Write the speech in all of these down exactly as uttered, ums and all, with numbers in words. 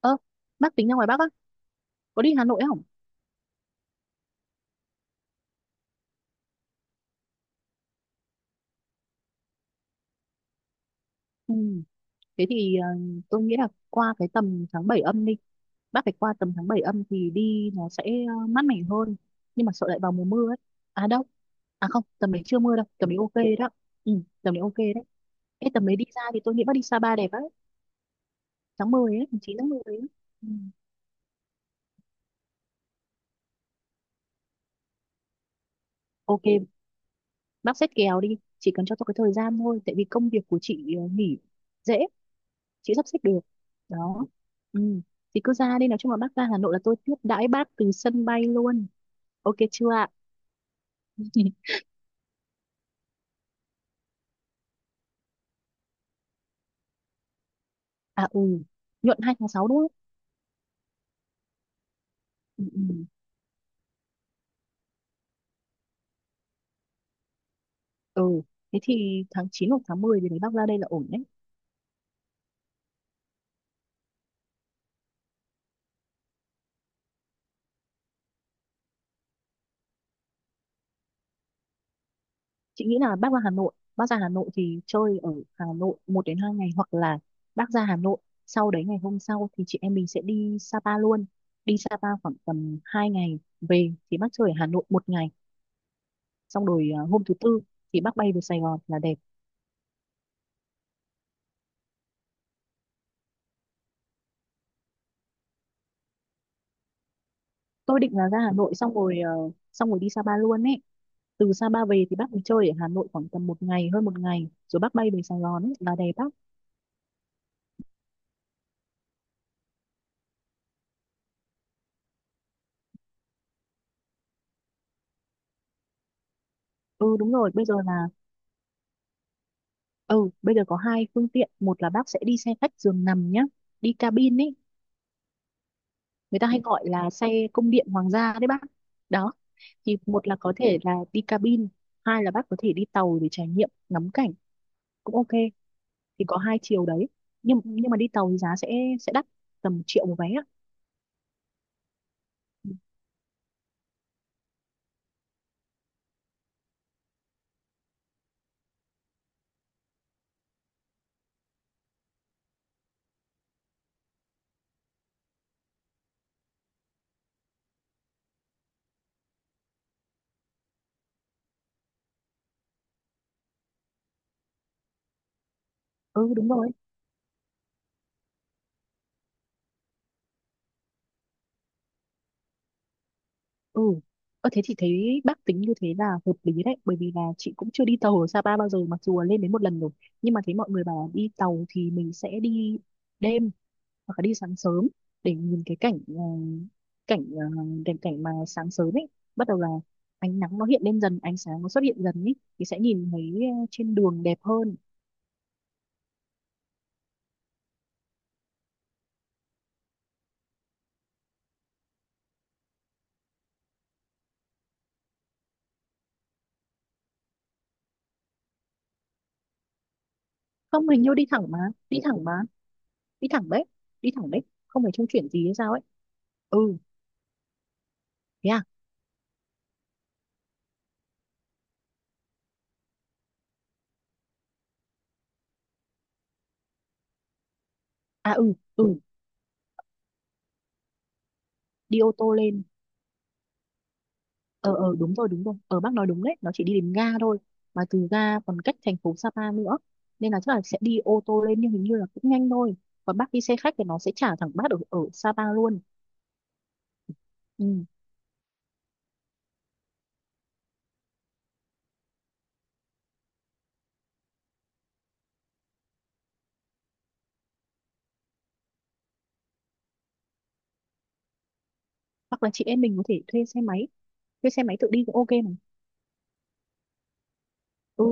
Ơ, bác tính ra ngoài Bắc á, có đi Hà Nội không? Ừ. Thế thì ờ, tôi nghĩ là qua cái tầm tháng bảy âm đi. Bác phải qua tầm tháng bảy âm thì đi nó sẽ ờ, mát mẻ hơn. Nhưng mà sợ lại vào mùa mưa ấy. À đâu. À không, tầm đấy chưa mưa đâu. Tầm đấy ok đó. Ừ, tầm đấy ok đấy. Ê, tầm đấy đi ra thì tôi nghĩ bác đi Sapa đẹp ấy. Tháng mười ấy, tháng chín tháng mười ấy. Ừ. Ok, bác xét kèo đi. Chỉ cần cho tôi cái thời gian thôi. Tại vì công việc của chị ờ, nghỉ dễ. Chị sắp xếp được đó, ừ. Thì cứ ra đi, nói chung là bác ra Hà Nội là tôi tiếp đãi bác từ sân bay luôn, ok chưa ạ? À, ừ, nhuận hai tháng sáu đúng không? Ừ, ừ. Ừ, thế thì tháng chín hoặc tháng mười thì đấy bác ra đây là ổn đấy. Chị nghĩ là bác ra Hà Nội bác ra Hà Nội thì chơi ở Hà Nội một đến hai ngày, hoặc là bác ra Hà Nội sau đấy ngày hôm sau thì chị em mình sẽ đi Sapa luôn. Đi Sapa khoảng tầm hai ngày, về thì bác chơi ở Hà Nội một ngày xong rồi à, hôm thứ tư thì bác bay về Sài Gòn là đẹp. Tôi định là ra Hà Nội xong rồi ờ, xong rồi đi Sapa luôn ấy, từ Sapa về thì bác mới chơi ở Hà Nội khoảng tầm một ngày hơn một ngày rồi bác bay về Sài Gòn ấy là đẹp bác. Ừ đúng rồi. Bây giờ là ừ bây giờ có hai phương tiện. Một là bác sẽ đi xe khách giường nằm nhá, đi cabin ấy, người ta hay gọi là xe cung điện hoàng gia đấy bác. Đó thì một là có thể là đi cabin, hai là bác có thể đi tàu để trải nghiệm ngắm cảnh cũng ok. Thì có hai chiều đấy. Nhưng nhưng mà đi tàu thì giá sẽ sẽ đắt, tầm triệu một vé ạ. Ừ đúng rồi, ừ. Ơ thế thì thấy bác tính như thế là hợp lý đấy, bởi vì là chị cũng chưa đi tàu ở Sapa bao giờ, mặc dù là lên đến một lần rồi, nhưng mà thấy mọi người bảo đi tàu thì mình sẽ đi đêm hoặc là đi sáng sớm để nhìn cái cảnh ờ, cảnh ờ, cảnh cảnh mà sáng sớm ấy, bắt đầu là ánh nắng nó hiện lên dần, ánh sáng nó xuất hiện dần ấy thì sẽ nhìn thấy ờ, trên đường đẹp hơn. Không, hình như đi thẳng mà, đi thẳng mà, đi thẳng đấy, đi thẳng đấy, không phải trung chuyển gì hay sao ấy. Ừ, thế à. À, ừ, ừ, đi ô tô lên. Ờ ờ, đúng rồi, đúng rồi, ở bác nói đúng đấy, nó chỉ đi đến ga thôi mà từ ga còn cách thành phố Sapa nữa, nên là chắc là sẽ đi ô tô lên nhưng hình như là cũng nhanh thôi. Còn bác đi xe khách thì nó sẽ trả thẳng bác ở ở Sapa luôn. Ừ. Hoặc là chị em mình có thể thuê xe máy thuê xe máy tự đi cũng ok mà. Ừ,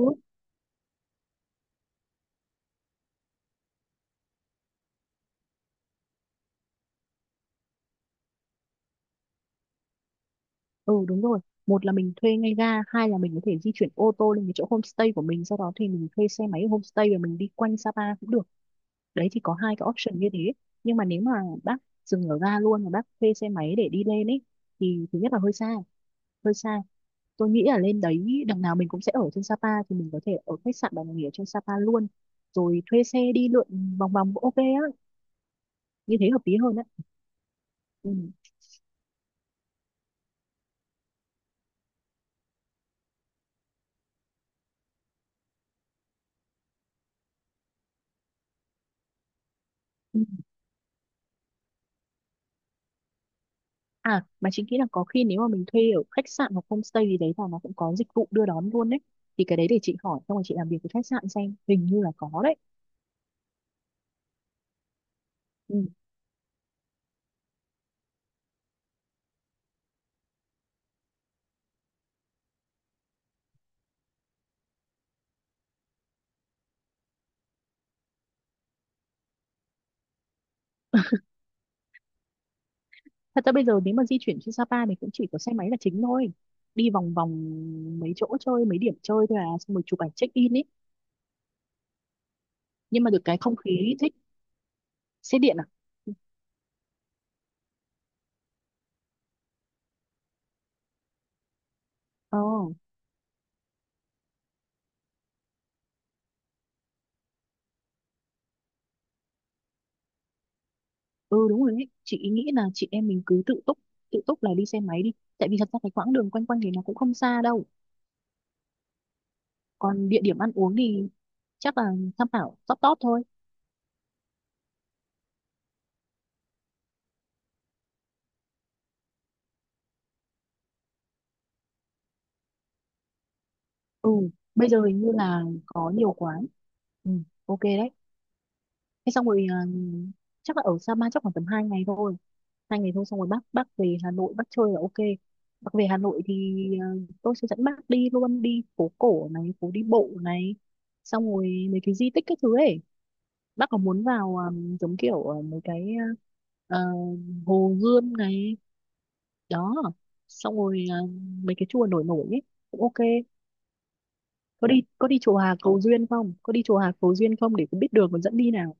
ừ, đúng rồi. Một là mình thuê ngay ga, hai là mình có thể di chuyển ô tô lên cái chỗ homestay của mình, sau đó thì mình thuê xe máy ở homestay và mình đi quanh Sapa cũng được. Đấy thì có hai cái option như thế. Nhưng mà nếu mà bác dừng ở ga luôn mà bác thuê xe máy để đi lên ấy thì thứ nhất là hơi xa, hơi xa. Tôi nghĩ là lên đấy đằng nào mình cũng sẽ ở trên Sapa thì mình có thể ở khách sạn và nghỉ ở trên Sapa luôn, rồi thuê xe đi lượn vòng vòng cũng ok á, như thế hợp lý hơn á. Ừ. Ừ. À mà chính nghĩ là có khi nếu mà mình thuê ở khách sạn hoặc homestay gì đấy là nó cũng có dịch vụ đưa đón luôn đấy, thì cái đấy để chị hỏi xong rồi chị làm việc với khách sạn xem, hình như là có đấy. Ừ. Thật ra bây giờ nếu mà di chuyển trên Sapa thì cũng chỉ có xe máy là chính thôi, đi vòng vòng mấy chỗ chơi, mấy điểm chơi thôi à, xong rồi chụp ảnh check in ấy. Nhưng mà được cái không khí thích. Xe điện à? Ờ. Ừ đúng rồi đấy, chị ý nghĩ là chị em mình cứ tự túc, tự túc là đi xe máy đi, tại vì thật ra cái quãng đường quanh quanh thì nó cũng không xa đâu. Còn địa điểm ăn uống thì chắc là tham khảo top top thôi. Ừ, bây giờ hình như là có nhiều quán. Ừ, ok đấy. Thế xong rồi à, chắc là ở Sapa chắc khoảng tầm hai ngày thôi, hai ngày thôi, xong rồi bác bác về Hà Nội bác chơi là ok. Bác về Hà Nội thì ờ, tôi sẽ dẫn bác đi luôn, đi phố cổ này, phố đi bộ này, xong rồi mấy cái di tích các thứ ấy. Bác có muốn vào ờm, giống kiểu ờ, mấy cái ờ, Hồ Gươm này, đó, xong rồi ờ, mấy cái chùa nổi nổi ấy cũng ok. Có đi, có đi chùa Hà Cầu Duyên không, có đi chùa Hà Cầu Duyên không, để cũng biết đường còn dẫn đi nào.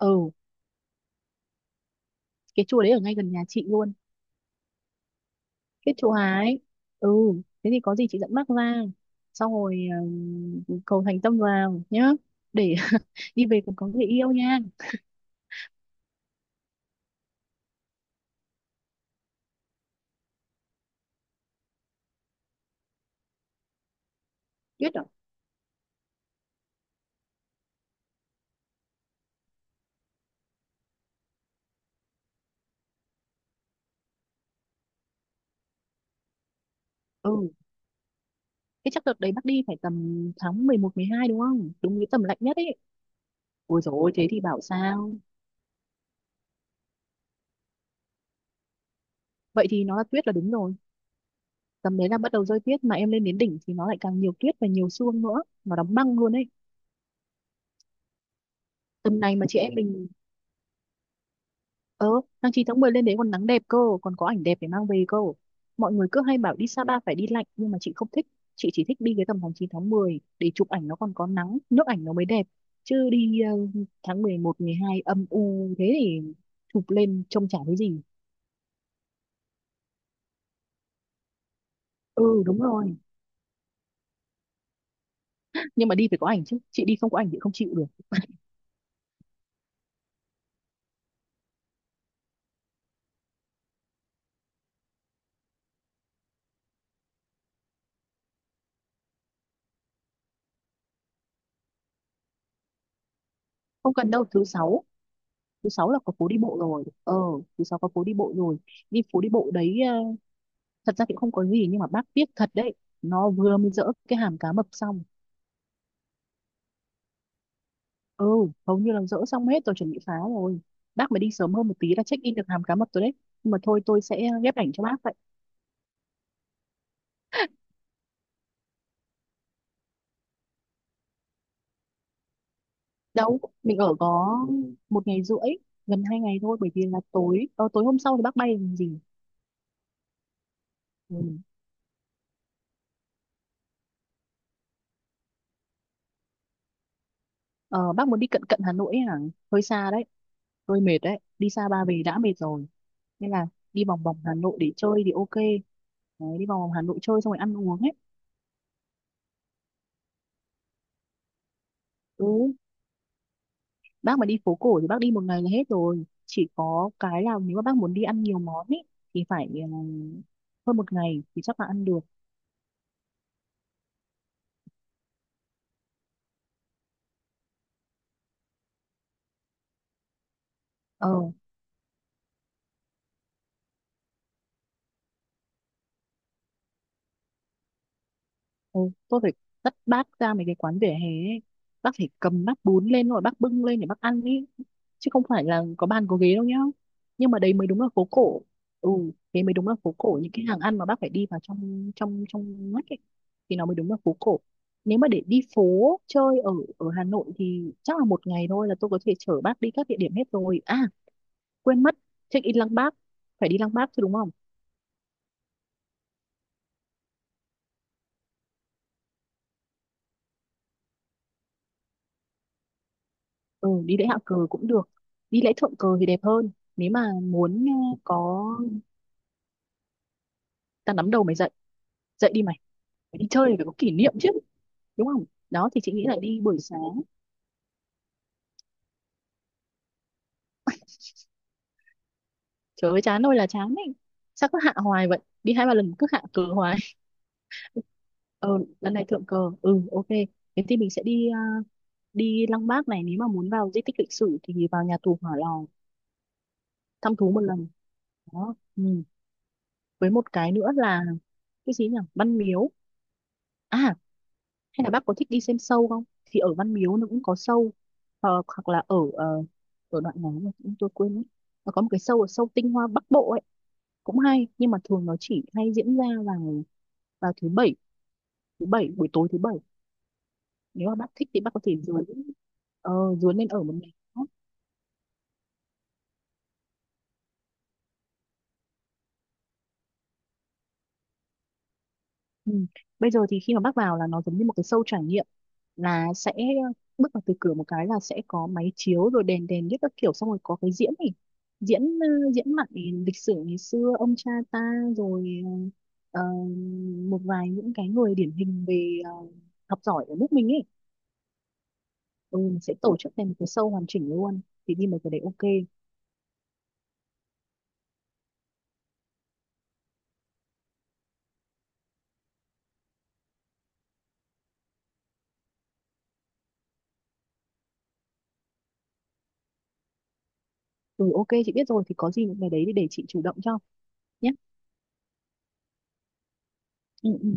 Ừ, cái chùa đấy ở ngay gần nhà chị luôn. Kết châu Á ấy. Ừ, thế thì có gì chị dẫn bác ra. Xong rồi ờ, cầu thành tâm vào nhá. Để đi về còn có người yêu nha. Biết rồi. Ừ, thế chắc đợt đấy bác đi phải tầm tháng mười một mười hai đúng không? Đúng cái tầm lạnh nhất ấy. Ôi dồi ôi, thế thì bảo sao. Vậy thì nó là tuyết là đúng rồi. Tầm đấy là bắt đầu rơi tuyết mà em lên đến đỉnh thì nó lại càng nhiều tuyết và nhiều sương nữa. Nó đóng băng luôn ấy. Tầm này mà chị em mình Ờ, tháng chín tháng mười lên đấy còn nắng đẹp cơ, còn có ảnh đẹp để mang về cơ. Mọi người cứ hay bảo đi Sapa phải đi lạnh nhưng mà chị không thích. Chị chỉ thích đi cái tầm tháng chín tháng mười để chụp ảnh nó còn có nắng, nước ảnh nó mới đẹp. Chứ đi ờ, tháng mười một, mười hai âm u thế thì chụp lên trông chả thấy gì. Ừ đúng rồi. Nhưng mà đi phải có ảnh chứ. Chị đi không có ảnh chị không chịu được. Không cần đâu, thứ sáu, thứ sáu là có phố đi bộ rồi. Ờ, thứ sáu có phố đi bộ rồi. Đi phố đi bộ đấy, ờ, thật ra thì không có gì nhưng mà bác tiếc thật đấy. Nó vừa mới dỡ cái hàm cá mập xong. Ừ, hầu như là dỡ xong hết, tôi chuẩn bị phá rồi. Bác mà đi sớm hơn một tí là check in được hàm cá mập rồi đấy. Nhưng mà thôi, tôi sẽ ghép ảnh cho bác vậy. Đâu mình ở có một ngày rưỡi, gần hai ngày thôi, bởi vì là tối ờ, tối hôm sau thì bác bay làm gì. Ừ. ờ, bác muốn đi cận cận Hà Nội ấy à, hơi xa đấy, tôi mệt đấy, đi xa ba về đã mệt rồi nên là đi vòng vòng Hà Nội để chơi thì ok đấy. Đi vòng vòng Hà Nội chơi xong rồi ăn uống ấy. Ừ, bác mà đi phố cổ thì bác đi một ngày là hết rồi, chỉ có cái là nếu mà bác muốn đi ăn nhiều món ý, thì phải ừ, hơn một ngày thì chắc là ăn được. ờ Ừ, tôi phải dắt bác ra mấy cái quán vỉa hè ấy. Bác phải cầm bát bún lên rồi bác bưng lên để bác ăn ý, chứ không phải là có bàn có ghế đâu nhá, nhưng mà đấy mới đúng là phố cổ. Ừ, thế mới đúng là phố cổ, những cái hàng ăn mà bác phải đi vào trong trong trong ngách ấy, thì nó mới đúng là phố cổ. Nếu mà để đi phố chơi ở ở Hà Nội thì chắc là một ngày thôi là tôi có thể chở bác đi các địa điểm hết rồi à. Quên mất, check in Lăng Bác, phải đi Lăng Bác chứ đúng không? Ừ, đi lễ hạ cờ cũng được, đi lễ thượng cờ thì đẹp hơn nếu mà muốn. Ờ, có, ta nắm đầu mày dậy, dậy đi mày, phải đi chơi thì phải có kỷ niệm chứ, đúng không? Đó thì chị nghĩ là đi buổi sáng. Trời ơi chán ơi là chán ấy, sao cứ hạ hoài vậy, đi hai ba lần cứ hạ cờ hoài. Ờ, lần này thượng cờ, ừ, ok. Thế thì mình sẽ đi, à, đi Lăng Bác này, nếu mà muốn vào di tích lịch sử thì vào nhà tù Hỏa Lò thăm thú một lần. Đó, ừ. Với một cái nữa là cái gì nhỉ, Văn Miếu. À, hay là bác có thích đi xem show không, thì ở Văn Miếu nó cũng có show. Ờ, hoặc là ở ờ, ở đoạn nào mà chúng tôi quên mất, nó có một cái show ở show Tinh Hoa Bắc Bộ ấy cũng hay, nhưng mà thường nó chỉ hay diễn ra vào vào thứ bảy, thứ bảy buổi tối thứ bảy. Nếu mà bác thích thì bác có thể dướn, ờ, dướn lên ở một ngày. Ừ. Bây giờ thì khi mà bác vào là nó giống như một cái show trải nghiệm, là sẽ bước vào từ cửa một cái là sẽ có máy chiếu rồi đèn đèn nhất các kiểu, xong rồi có cái diễn này, diễn ờ, diễn mặt này, lịch sử ngày xưa ông cha ta, rồi ờ, ờ, một vài những cái người điển hình về ờ, học giỏi ở nước mình ấy. Ừ, mình sẽ tổ chức thành một cái show hoàn chỉnh luôn, thì đi mấy cái đấy ok. Ừ ok, chị biết rồi thì có gì những cái đấy thì để chị chủ động cho nhé. Ừ, ừ.